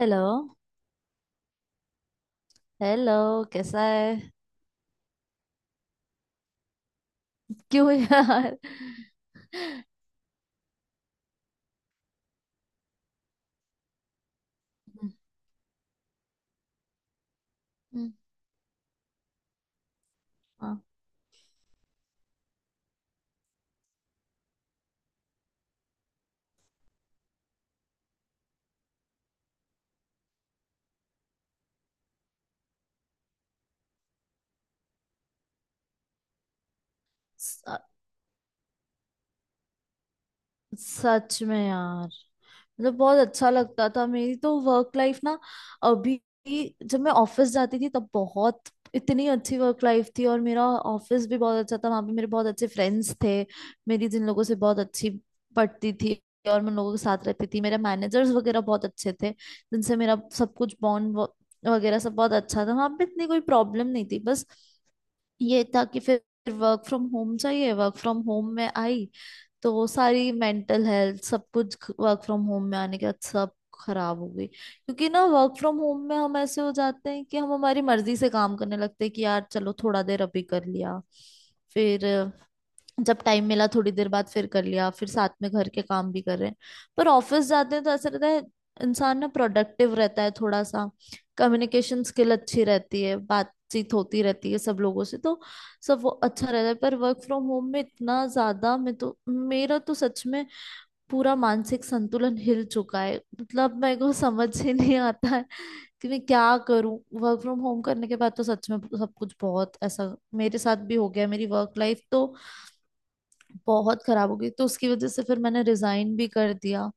Hello. Hello. कैसा है? क्यों यार? हम्म, हाँ, स- सच में यार। मतलब बहुत अच्छा लगता था। मेरी तो वर्क लाइफ ना अभी जब मैं ऑफिस जाती थी तब बहुत इतनी अच्छी वर्क लाइफ थी। और मेरा ऑफिस भी बहुत अच्छा था, वहां पे मेरे बहुत अच्छे फ्रेंड्स थे। मेरी जिन लोगों से बहुत अच्छी पड़ती थी और मैं उन लोगों के साथ रहती थी। मेरे मैनेजर्स वगैरह बहुत अच्छे थे, जिनसे मेरा सब कुछ बॉन्ड वगैरह सब बहुत अच्छा था। वहां पे इतनी कोई प्रॉब्लम नहीं थी। बस ये था कि फिर वर्क फ्रॉम होम चाहिए। वर्क फ्रॉम होम में आई तो वो सारी मेंटल हेल्थ सब कुछ वर्क फ्रॉम होम में आने के बाद सब खराब हो गई। क्योंकि ना वर्क फ्रॉम होम में हम ऐसे हो जाते हैं कि हम हमारी मर्जी से काम करने लगते हैं कि यार चलो थोड़ा देर अभी कर लिया। फिर जब टाइम मिला थोड़ी देर बाद फिर कर लिया। फिर साथ में घर के काम भी कर रहे हैं। पर ऑफिस जाते हैं तो ऐसा रहता है, इंसान ना प्रोडक्टिव रहता है थोड़ा सा। कम्युनिकेशन स्किल अच्छी रहती है, बातचीत होती रहती है सब लोगों से, तो सब वो अच्छा रहता है। पर वर्क फ्रॉम होम में इतना ज्यादा मैं तो, मेरा तो सच में पूरा मानसिक संतुलन हिल चुका है। मतलब मेरे को समझ ही नहीं आता है कि मैं क्या करूं। वर्क फ्रॉम होम करने के बाद तो सच में सब कुछ बहुत ऐसा मेरे साथ भी हो गया। मेरी वर्क लाइफ तो बहुत खराब हो गई, तो उसकी वजह से फिर मैंने रिजाइन भी कर दिया।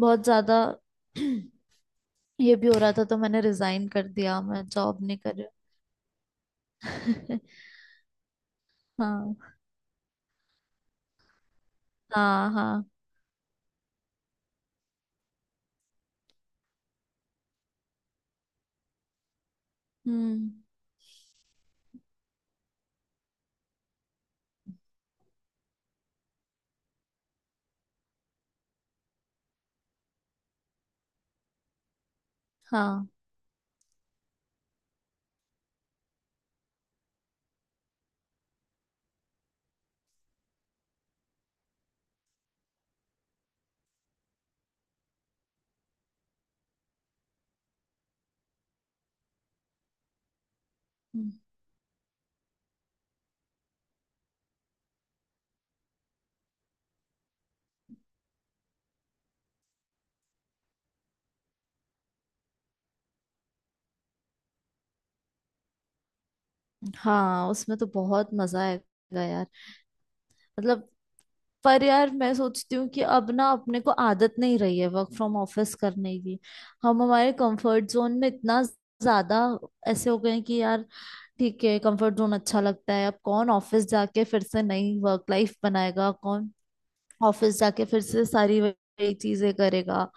बहुत ज्यादा ये भी हो रहा था तो मैंने रिजाइन कर दिया, मैं जॉब नहीं कर रही। हाँ। हाँ हाँ। हम्म। हाँ। हम्म, हाँ उसमें तो बहुत मजा आएगा यार। मतलब पर यार मैं सोचती हूँ कि अब ना अपने को आदत नहीं रही है वर्क फ्रॉम ऑफिस करने की। हम हमारे कंफर्ट जोन में इतना ज्यादा ऐसे हो गए हैं कि यार ठीक है, कंफर्ट जोन अच्छा लगता है। अब कौन ऑफिस जाके फिर से नई वर्क लाइफ बनाएगा? कौन ऑफिस जाके फिर से सारी वही चीजें करेगा?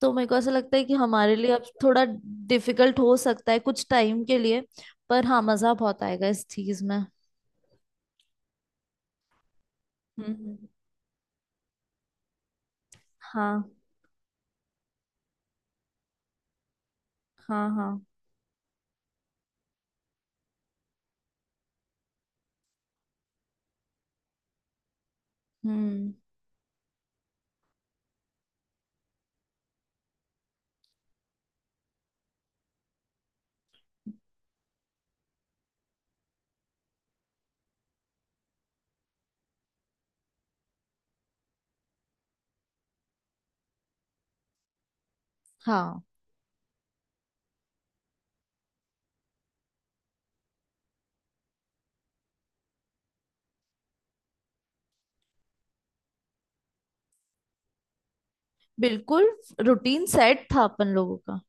तो मेरे को ऐसा लगता है कि हमारे लिए अब थोड़ा डिफिकल्ट हो सकता है कुछ टाइम के लिए। पर हाँ, मजा बहुत आएगा इस चीज में। हम्म हम्म। हाँ। हाँ हाँ। हम्म। हाँ बिल्कुल। रूटीन सेट था अपन लोगों का।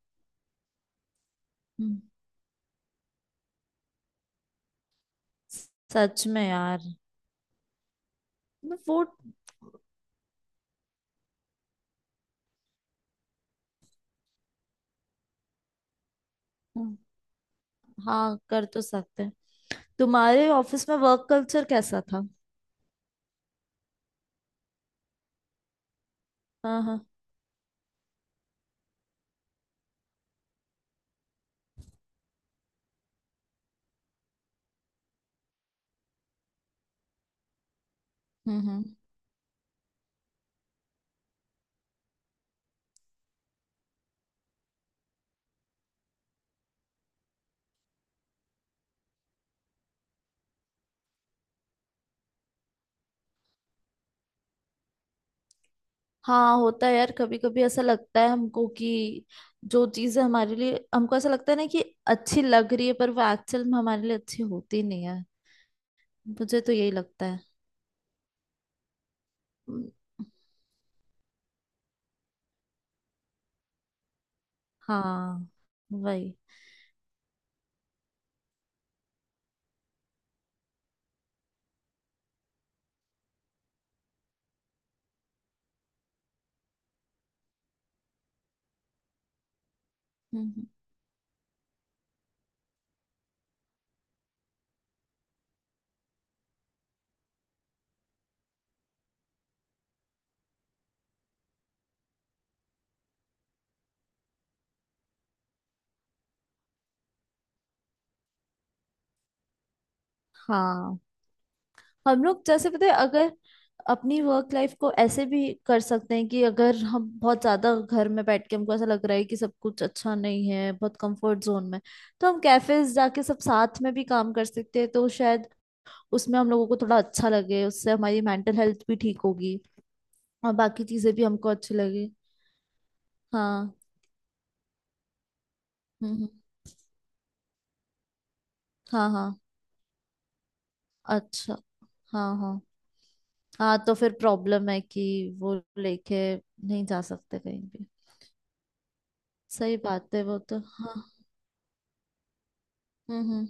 हम्म, सच में यार। मैं वो। हम्म। हाँ कर तो सकते हैं। तुम्हारे ऑफिस में वर्क कल्चर कैसा था? हाँ हाँ। हम्म हम्म। हाँ होता है यार, कभी कभी ऐसा लगता है हमको कि जो चीजें हमारे लिए हमको ऐसा लगता है ना कि अच्छी लग रही है, पर वो एक्चुअल में हमारे लिए अच्छी होती नहीं है। मुझे तो यही लगता है। हम्म, हाँ वही। हम्म, हम्म। हाँ हम लोग जैसे पता है अगर अपनी वर्क लाइफ को ऐसे भी कर सकते हैं कि अगर हम बहुत ज्यादा घर में बैठ के हमको ऐसा लग रहा है कि सब कुछ अच्छा नहीं है, बहुत कंफर्ट जोन में, तो हम कैफेज जाके सब साथ में भी काम कर सकते हैं तो शायद उसमें हम लोगों को थोड़ा अच्छा लगे। उससे हमारी मेंटल हेल्थ भी ठीक होगी और बाकी चीजें भी हमको अच्छी लगे। हाँ। हम्म हम्म, हाँ हाँ। अच्छा। हाँ हाँ। हाँ तो फिर प्रॉब्लम है कि वो लेके नहीं जा सकते कहीं भी। सही बात है वो तो, हाँ। हम्म।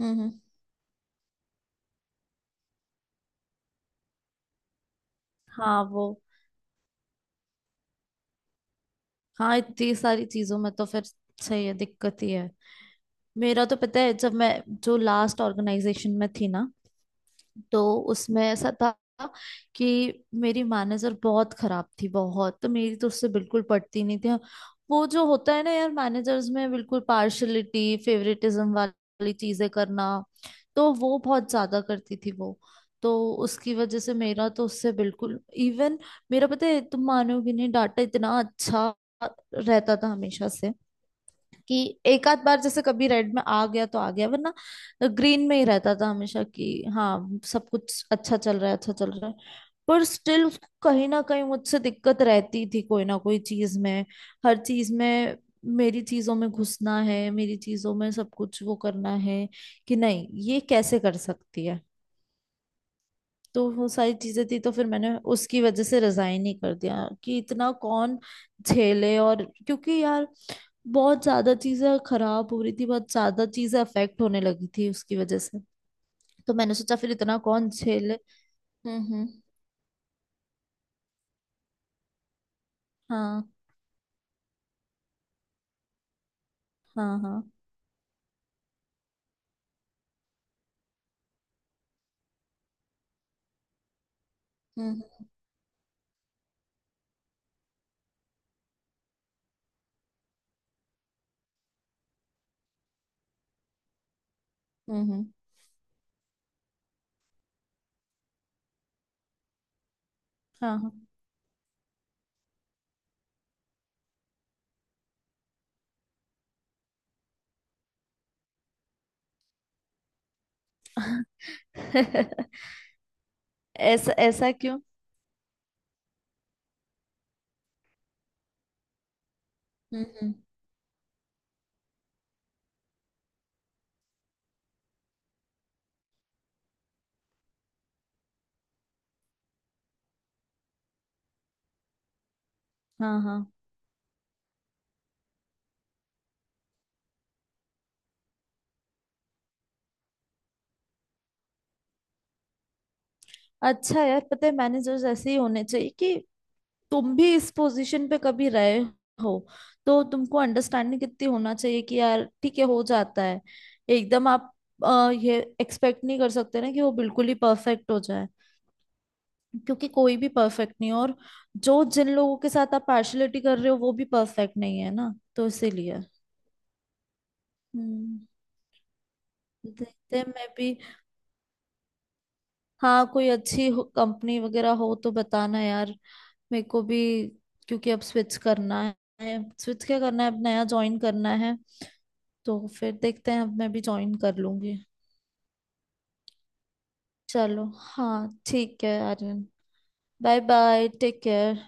हम्म हम्म, हाँ वो। हाँ इतनी सारी चीजों में तो फिर सही है, दिक्कत ही है। मेरा तो पता है, जब मैं जो लास्ट ऑर्गेनाइजेशन में थी ना, तो उसमें ऐसा था कि मेरी मैनेजर बहुत खराब थी, बहुत। तो मेरी तो उससे बिल्कुल पटती नहीं थी। वो जो होता है ना यार, मैनेजर्स में बिल्कुल पार्शलिटी फेवरेटिज्म वाली चीजें करना, तो वो बहुत ज्यादा करती थी वो। तो उसकी वजह से मेरा तो उससे बिल्कुल इवन, मेरा पता है तुम मानोगे नहीं, डाटा इतना अच्छा रहता था हमेशा से कि एक आध बार जैसे कभी रेड में आ गया तो आ गया, वरना ग्रीन में ही रहता था हमेशा कि हाँ सब कुछ अच्छा चल रहा है, अच्छा चल रहा है। पर स्टिल उसको कहीं ना कहीं मुझसे दिक्कत रहती थी, कोई ना कोई चीज में, हर चीज में। मेरी चीजों में घुसना है, मेरी चीजों में सब कुछ वो करना है कि नहीं ये कैसे कर सकती है। तो वो सारी चीजें थी, तो फिर मैंने उसकी वजह से रिजाइन ही कर दिया कि इतना कौन झेले। और क्योंकि यार बहुत ज्यादा चीजें खराब हो रही थी, बहुत ज्यादा चीजें अफेक्ट होने लगी थी उसकी वजह से। तो मैंने सोचा फिर इतना कौन झेले। हम्म। हाँ हाँ। हाँ। हम्म हम्म। हाँ हाँ। ऐसा ऐसा क्यों? हम्म हम्म, हाँ हाँ। अच्छा यार, पता है मैनेजर्स ऐसे ही होने चाहिए कि तुम भी इस पोजीशन पे कभी रहे हो, तो तुमको अंडरस्टैंडिंग कितनी होना चाहिए कि यार ठीक है, हो जाता है। एकदम आप ये एक्सपेक्ट नहीं कर सकते ना कि वो बिल्कुल ही परफेक्ट हो जाए। क्योंकि कोई भी परफेक्ट नहीं है, और जो जिन लोगों के साथ आप पार्शलिटी कर रहे हो वो भी परफेक्ट नहीं है ना, तो इसीलिए। हम्म। देखते हैं मैं भी। हाँ कोई अच्छी कंपनी वगैरह हो तो बताना यार, मेरे को भी। क्योंकि अब स्विच करना है, स्विच क्या करना है, अब नया ज्वाइन करना है। तो फिर देखते हैं, अब मैं भी ज्वाइन कर लूंगी। चलो हाँ ठीक है Aryan. Bye bye, take care.